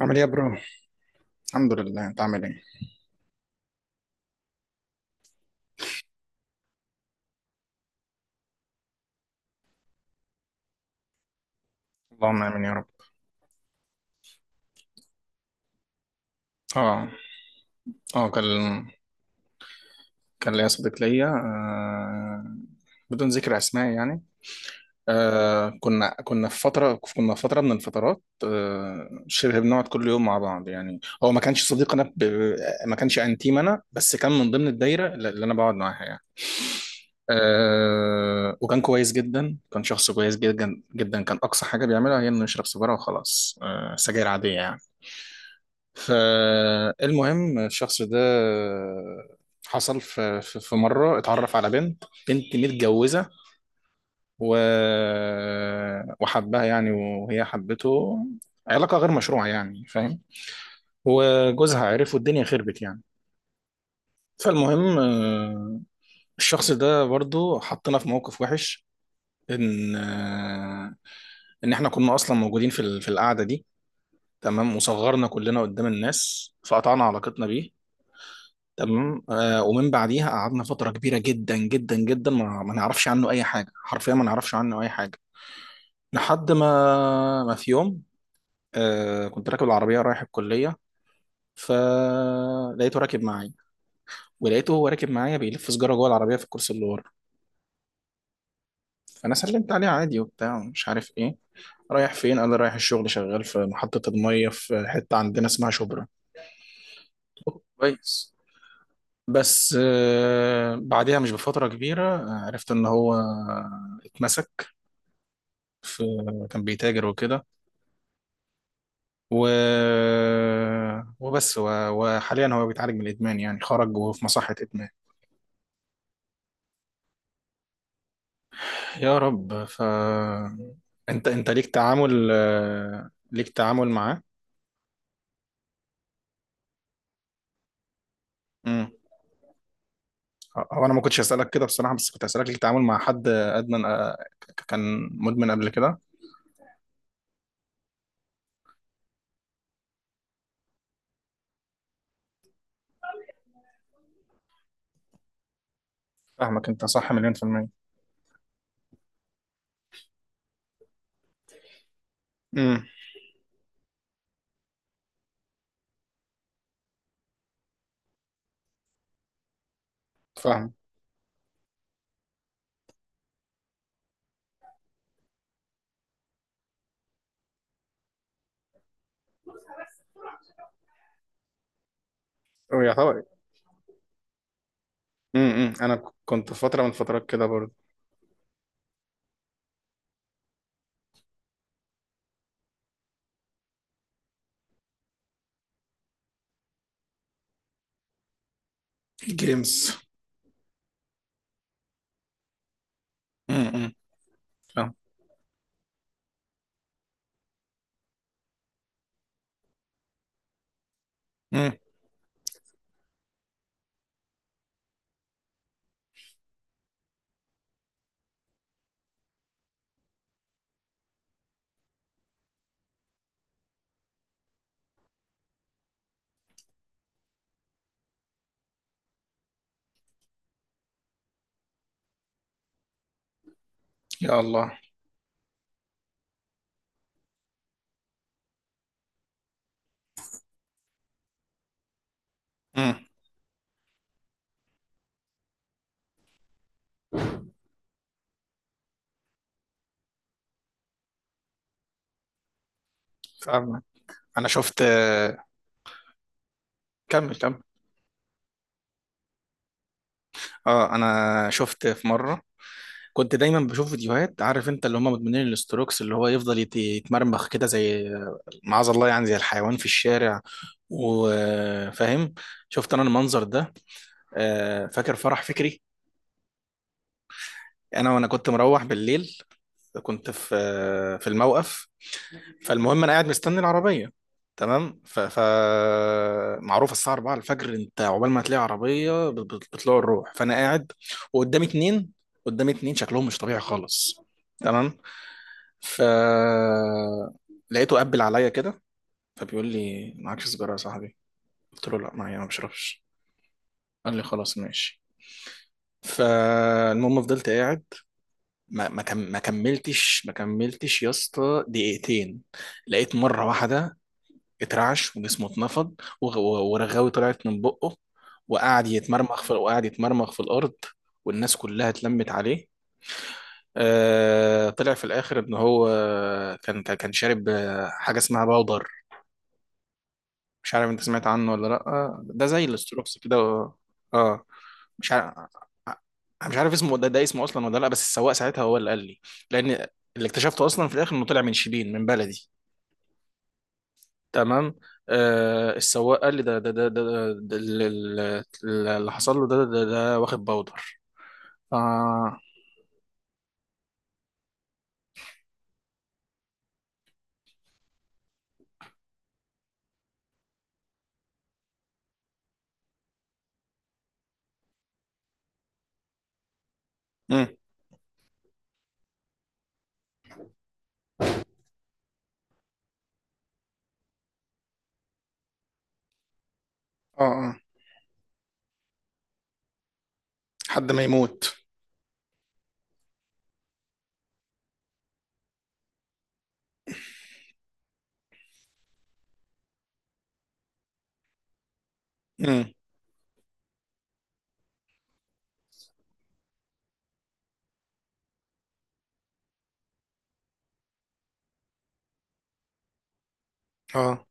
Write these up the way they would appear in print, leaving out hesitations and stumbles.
عامل ايه يا برو. الحمد لله، انت عامل ايه؟ اللهم امين يا رب. اه اه كان كان ليا صديق ليا آه بدون ذكر اسماء يعني. كنا في فتره من الفترات، شبه بنقعد كل يوم مع بعض. يعني هو ما كانش صديق، انا ب... ما كانش انتيم، انا بس كان من ضمن الدايره اللي انا بقعد معاها يعني. وكان كويس جدا، كان شخص كويس جدا جدا. كان اقصى حاجه بيعملها هي انه يشرب سيجاره وخلاص، سجاير عاديه يعني. فالمهم الشخص ده، حصل في مرة اتعرف على بنت، بنت متجوزة، و... وحبها يعني، وهي حبته. علاقة غير مشروعة يعني، فاهم. وجوزها عرف والدنيا خربت يعني. فالمهم الشخص ده برضو حطنا في موقف وحش، ان آه، ان احنا كنا اصلا موجودين في في القعدة دي، تمام، وصغرنا كلنا قدام الناس، فقطعنا علاقتنا بيه. تمام. ومن بعديها قعدنا فترة كبيرة جدا جدا جدا ما نعرفش عنه أي حاجة، حرفيا ما نعرفش عنه أي حاجة. لحد ما في يوم، كنت راكب العربية رايح الكلية، فلقيته راكب معايا، ولقيته هو راكب معايا بيلف سجارة جوه العربية في الكرسي اللي ورا. فأنا سلمت عليه عادي وبتاع ومش عارف إيه. رايح فين؟ قال لي رايح الشغل، شغال في محطة المية في حتة عندنا اسمها شبرا. أوه، كويس. بس بعدها مش بفترة كبيرة، عرفت إن هو اتمسك في، كان بيتاجر وكده، و... وبس، و... وحاليا هو بيتعالج من الادمان يعني، خرج وهو في مصحة ادمان. يا رب. ف انت ليك تعامل، ليك تعامل معاه؟ امم هو انا ما كنتش اسالك كده بصراحة، بس كنت اسالك ليك تعامل مع حد ادمن، كان مدمن قبل كده. فاهمك، انت صح مليون في المية. امم. فاهم. ويعتبر، امم، انا كنت في فترة من فترات كده برضه. جيمز. امم. فاهم. امم. يا الله. امم. فاهمك. انا شفت. كمل كمل. اه انا شفت في مره، كنت دايما بشوف فيديوهات، عارف انت اللي هم مدمنين الاستروكس، اللي هو يفضل يتمرمخ كده زي، معاذ الله يعني، زي الحيوان في الشارع، وفاهم. شفت انا المنظر ده. فاكر فرح فكري، انا وانا كنت مروح بالليل، كنت في، في الموقف. فالمهم انا قاعد مستني العربيه. تمام. ف... ف معروف الساعه 4 الفجر انت عقبال ما تلاقي عربيه بتطلع الروح. فانا قاعد وقدامي اتنين، قدامي اتنين شكلهم مش طبيعي خالص. تمام. ف لقيته قبل عليا كده، فبيقول لي معكش سيجاره يا صاحبي؟ قلت له لا معايا، ما بشربش. قال لي خلاص ماشي. فالمهم فضلت قاعد، ما كملتش يا اسطى دقيقتين، لقيت مره واحده اترعش وجسمه اتنفض، ورغاوي طلعت من بقه، وقعد يتمرمخ في الارض، والناس كلها اتلمت عليه. آه طلع في الاخر ان هو كان شارب، حاجه اسمها باودر، مش عارف انت سمعت عنه ولا لا، ده زي الاستروكس كده. اه. مش عارف، مش عارف اسمه ده، ده اسمه اصلا ولا لا، بس السواق ساعتها هو اللي قال لي، لان اللي اكتشفته اصلا في الاخر انه طلع من شبين من بلدي. تمام. السواق قال لي ده اللي حصل له، ده واخد باودر. آه. امم. اه اه. حد ما يموت. امم. اه.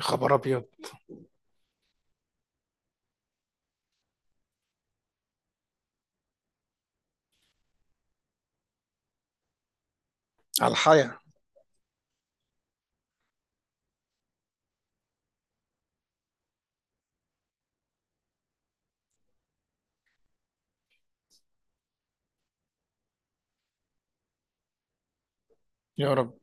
يا خبر ابيض. على الحياة. يا رب.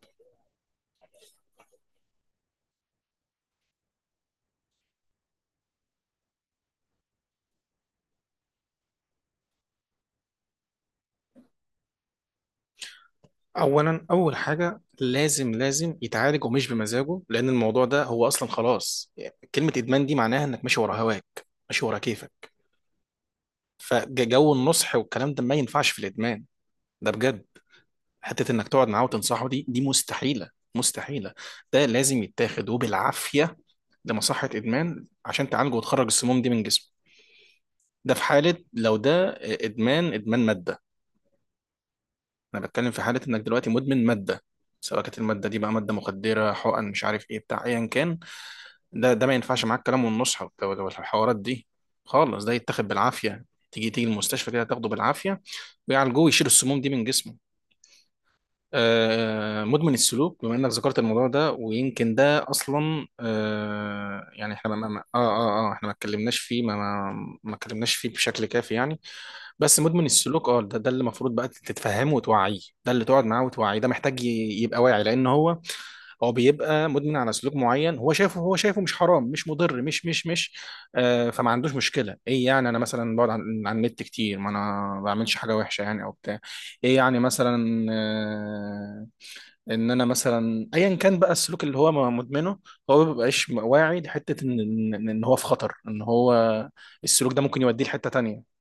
اولا، اول حاجه لازم يتعالج، ومش بمزاجه، لان الموضوع ده هو اصلا خلاص يعني، كلمه ادمان دي معناها انك ماشي ورا هواك، ماشي ورا كيفك. فجو النصح والكلام ده ما ينفعش في الادمان، ده بجد. حته انك تقعد معاه وتنصحه، دي مستحيله، مستحيله. ده لازم يتاخد وبالعافيه لمصحه ادمان عشان تعالجه وتخرج السموم دي من جسمه. ده في حاله لو ده ادمان، ادمان ماده. انا بتكلم في حاله انك دلوقتي مدمن ماده، سواء كانت الماده دي بقى ماده مخدره، حقن، مش عارف ايه بتاع، ايا كان. ده ما ينفعش معاك كلام والنصح والحوارات دي خالص، ده يتاخد بالعافيه، تيجي تيجي المستشفى كده، تاخده بالعافيه ويعالجوه ويشيل السموم دي من جسمه. مدمن السلوك، بما انك ذكرت الموضوع ده، ويمكن ده اصلا، يعني احنا احنا ما اتكلمناش فيه، ما اتكلمناش فيه بشكل كافي يعني. بس مدمن السلوك اه ده اللي المفروض بقى تتفهمه وتوعيه، ده اللي تقعد معاه وتوعيه، ده محتاج يبقى واعي، لان هو بيبقى مدمن على سلوك معين، هو شايفه مش حرام، مش مضر، مش، فما عندوش مشكله. ايه يعني انا مثلا بقعد على النت كتير، ما انا ما بعملش حاجه وحشه يعني او بتاع. ايه يعني، مثلا ان انا مثلا ايا كان بقى السلوك اللي هو مدمنه، هو ما بيبقاش واعي لحته ان ان إن هو في خطر، ان هو السلوك ده ممكن يوديه لحته تانية.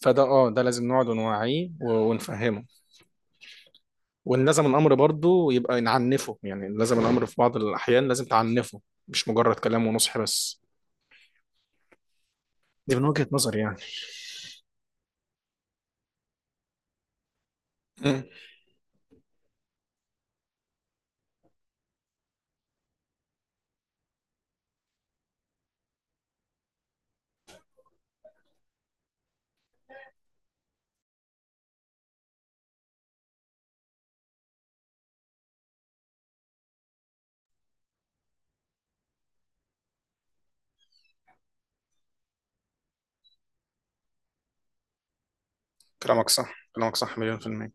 فده اه ده لازم نقعد ونوعيه ونفهمه، وان لازم الامر برضه يبقى نعنفه، يعني لازم الامر في بعض الاحيان لازم تعنفه، مش مجرد كلام ونصح بس. دي من وجهه نظري يعني. مم. كلامك صح مليون في المية.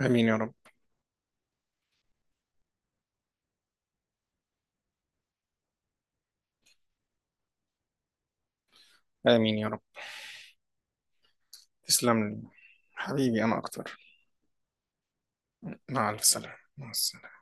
آمين يا رب. آمين يا رب. تسلم لي. حبيبي أنا أكتر. مع ألف سلامة، مع السلامة.